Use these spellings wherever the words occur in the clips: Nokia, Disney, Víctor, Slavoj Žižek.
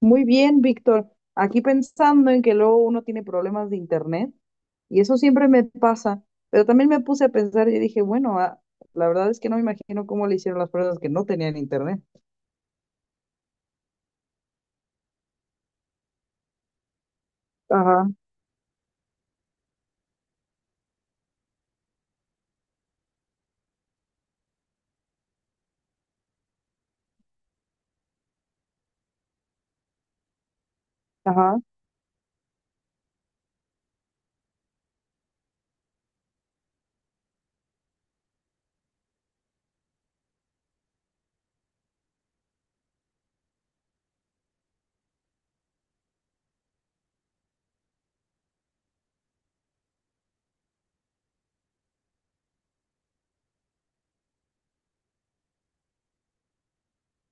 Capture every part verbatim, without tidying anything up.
Muy bien, Víctor. Aquí pensando en que luego uno tiene problemas de internet y eso siempre me pasa, pero también me puse a pensar y dije, bueno, ah, la verdad es que no me imagino cómo le hicieron las personas que no tenían internet. Ajá, ajá.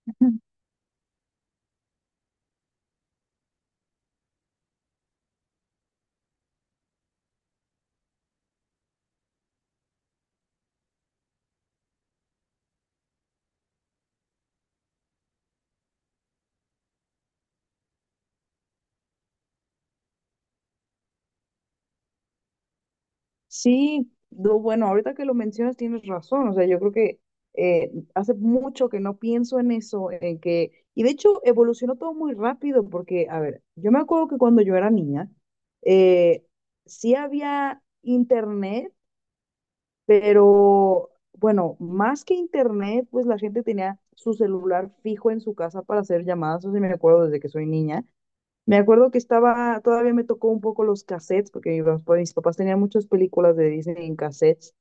Sí, no, bueno, ahorita que lo mencionas tienes razón, o sea, yo creo que eh, hace mucho que no pienso en eso, en que, y de hecho evolucionó todo muy rápido, porque, a ver, yo me acuerdo que cuando yo era niña, eh, sí había internet. Pero bueno, más que internet, pues la gente tenía su celular fijo en su casa para hacer llamadas, eso sí me acuerdo desde que soy niña. Me acuerdo que estaba, todavía me tocó un poco los cassettes, porque mi papá- mis papás tenían muchas películas de Disney en cassettes.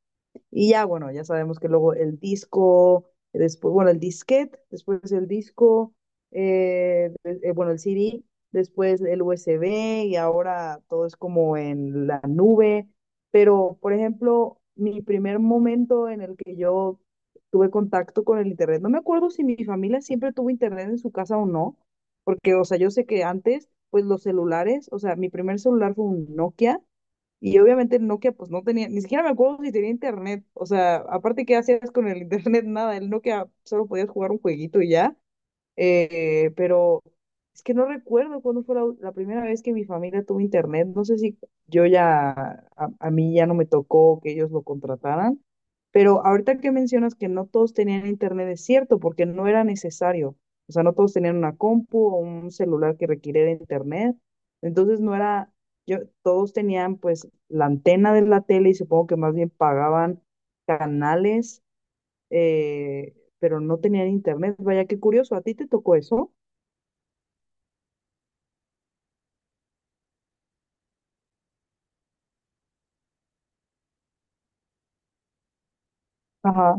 Y ya, bueno, ya sabemos que luego el disco, después, bueno, el disquete, después el disco, eh, eh, bueno, el C D, después el U S B y ahora todo es como en la nube. Pero, por ejemplo, mi primer momento en el que yo tuve contacto con el internet, no me acuerdo si mi familia siempre tuvo internet en su casa o no, porque, o sea, yo sé que antes, pues los celulares, o sea, mi primer celular fue un Nokia y obviamente Nokia, pues no tenía, ni siquiera me acuerdo si tenía internet. O sea, aparte, ¿qué hacías con el internet? Nada, el Nokia solo podías jugar un jueguito y ya. Eh, pero es que no recuerdo cuándo fue la, la primera vez que mi familia tuvo internet. No sé si yo ya, a, a mí ya no me tocó que ellos lo contrataran, pero ahorita que mencionas que no todos tenían internet, es cierto, porque no era necesario. O sea, no todos tenían una compu o un celular que requiriera internet. Entonces no era, yo, todos tenían pues la antena de la tele y supongo que más bien pagaban canales, eh, pero no tenían internet. Vaya, qué curioso, ¿a ti te tocó eso? Ajá,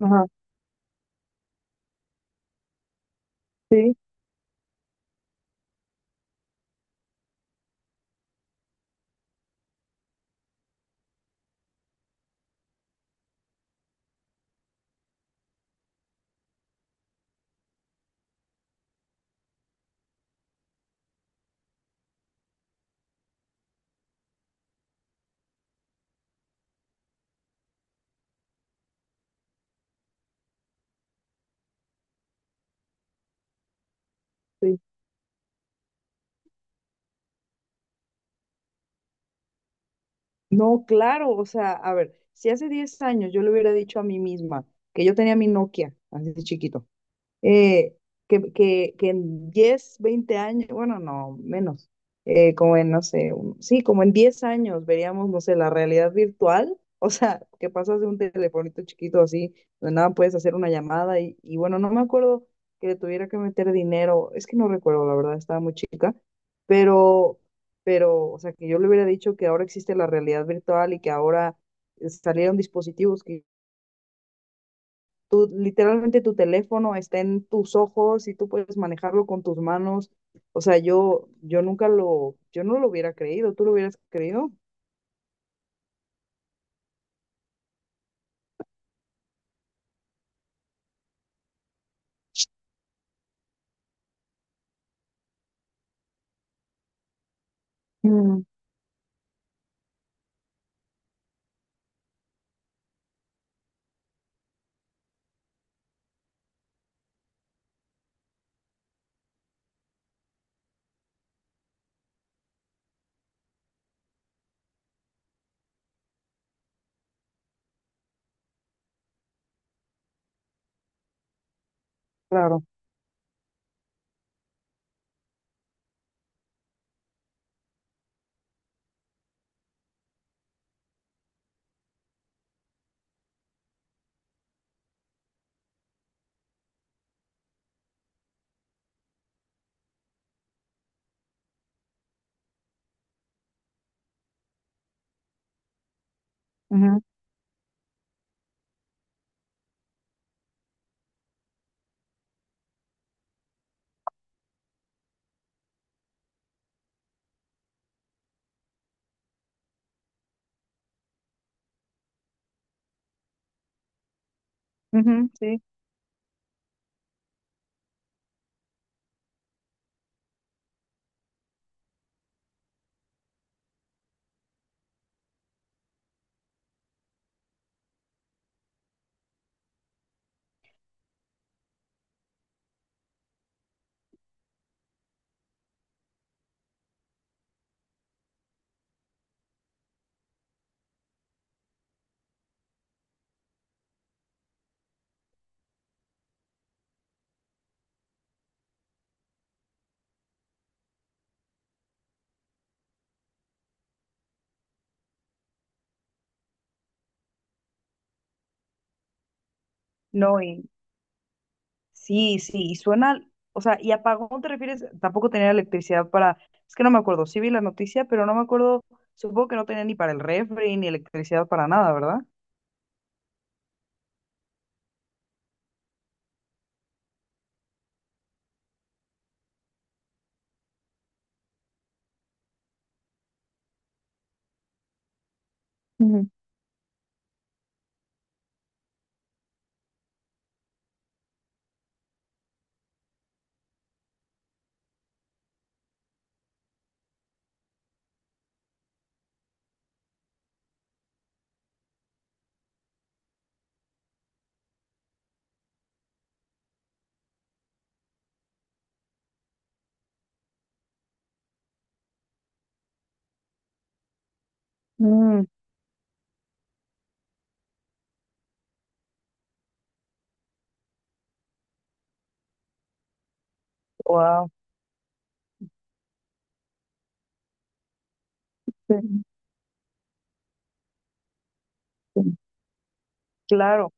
ajá, sí, sí. No, claro, o sea, a ver, si hace diez años yo le hubiera dicho a mí misma que yo tenía mi Nokia, así de chiquito, eh, que, que, que en diez veinte años, bueno, no, menos, eh, como en, no sé, un- sí, como en diez años veríamos, no sé, la realidad virtual. O sea, que pasas de un telefonito chiquito así, donde nada puedes hacer una llamada y, y bueno, no me acuerdo que le tuviera que meter dinero, es que no recuerdo, la verdad, estaba muy chica, pero, pero, o sea, que yo le hubiera dicho que ahora existe la realidad virtual y que ahora eh, salieron dispositivos que tú, literalmente tu teléfono está en tus ojos y tú puedes manejarlo con tus manos. O sea, yo, yo nunca lo, yo no lo hubiera creído. ¿Tú lo hubieras creído? Mm, claro. Ujú, ujú, sí. No, y sí, sí, y suena, o sea, ¿y apagón te refieres? Tampoco tenía electricidad para, es que no me acuerdo, sí vi la noticia, pero no me acuerdo, supongo que no tenía ni para el refri, ni electricidad para nada, ¿verdad? Ujú. Mm. Wow. Sí, sí. Claro.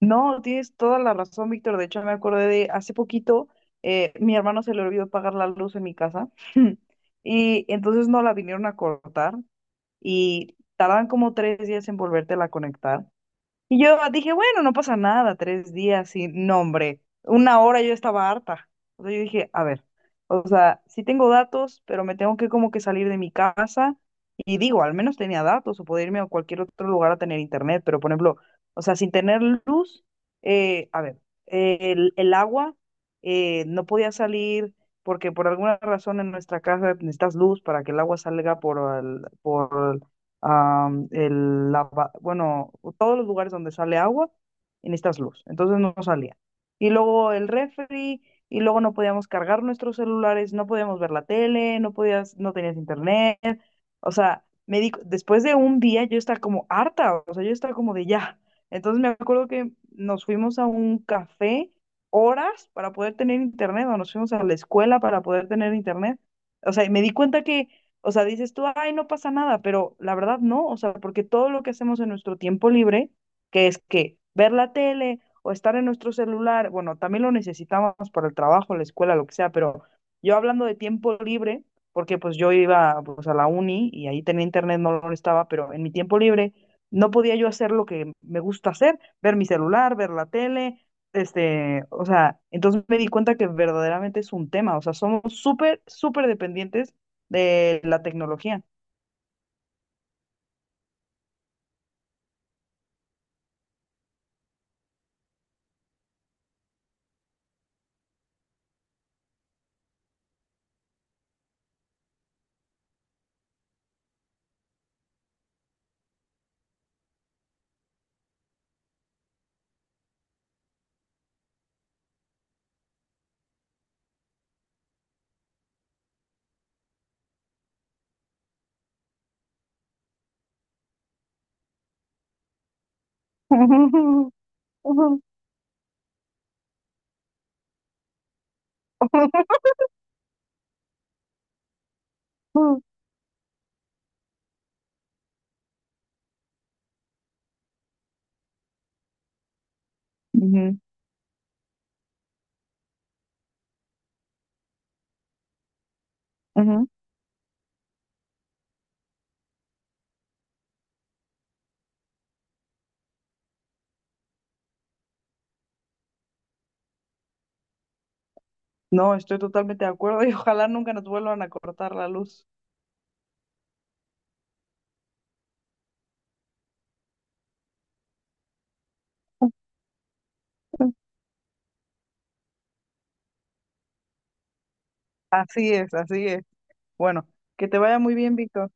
No, tienes toda la razón, Víctor. De hecho, me acordé de hace poquito, eh, mi hermano se le olvidó pagar la luz en mi casa. Y entonces no la vinieron a cortar y tardan como tres días en volvértela a conectar. Y yo dije, bueno, no pasa nada, tres días sin nombre. Una hora yo estaba harta. O sea, yo dije, a ver, o sea, sí tengo datos, pero me tengo que como que salir de mi casa. Y digo, al menos tenía datos o poder irme a cualquier otro lugar a tener internet. Pero, por ejemplo, o sea, sin tener luz, eh, a ver, eh, el, el agua, eh, no podía salir porque por alguna razón en nuestra casa necesitas luz para que el agua salga por, al- por am, el lava- bueno, todos los lugares donde sale agua y necesitas luz. Entonces no salía. Y luego el refri, y luego no podíamos cargar nuestros celulares, no podíamos ver la tele, no podías, no tenías internet. O sea, me di, después de un día yo estaba como harta, o sea, yo estaba como de ya. Entonces me acuerdo que nos fuimos a un café horas para poder tener internet, o nos fuimos a la escuela para poder tener internet. O sea, y me di cuenta que o sea, dices tú, ay, no pasa nada, pero la verdad no, o sea, porque todo lo que hacemos en nuestro tiempo libre, que es que ver la tele o estar en nuestro celular, bueno, también lo necesitamos para el trabajo, la escuela, lo que sea, pero yo hablando de tiempo libre, porque pues yo iba pues a la uni y ahí tenía internet, no lo estaba, pero en mi tiempo libre no podía yo hacer lo que me gusta hacer, ver mi celular, ver la tele, este, o sea, entonces me di cuenta que verdaderamente es un tema, o sea, somos súper, súper dependientes de la tecnología. Ujú, ujú. Ujú, ujú, ujú. No, estoy totalmente de acuerdo y ojalá nunca nos vuelvan a cortar la luz. Así es, así es. Bueno, que te vaya muy bien, Víctor.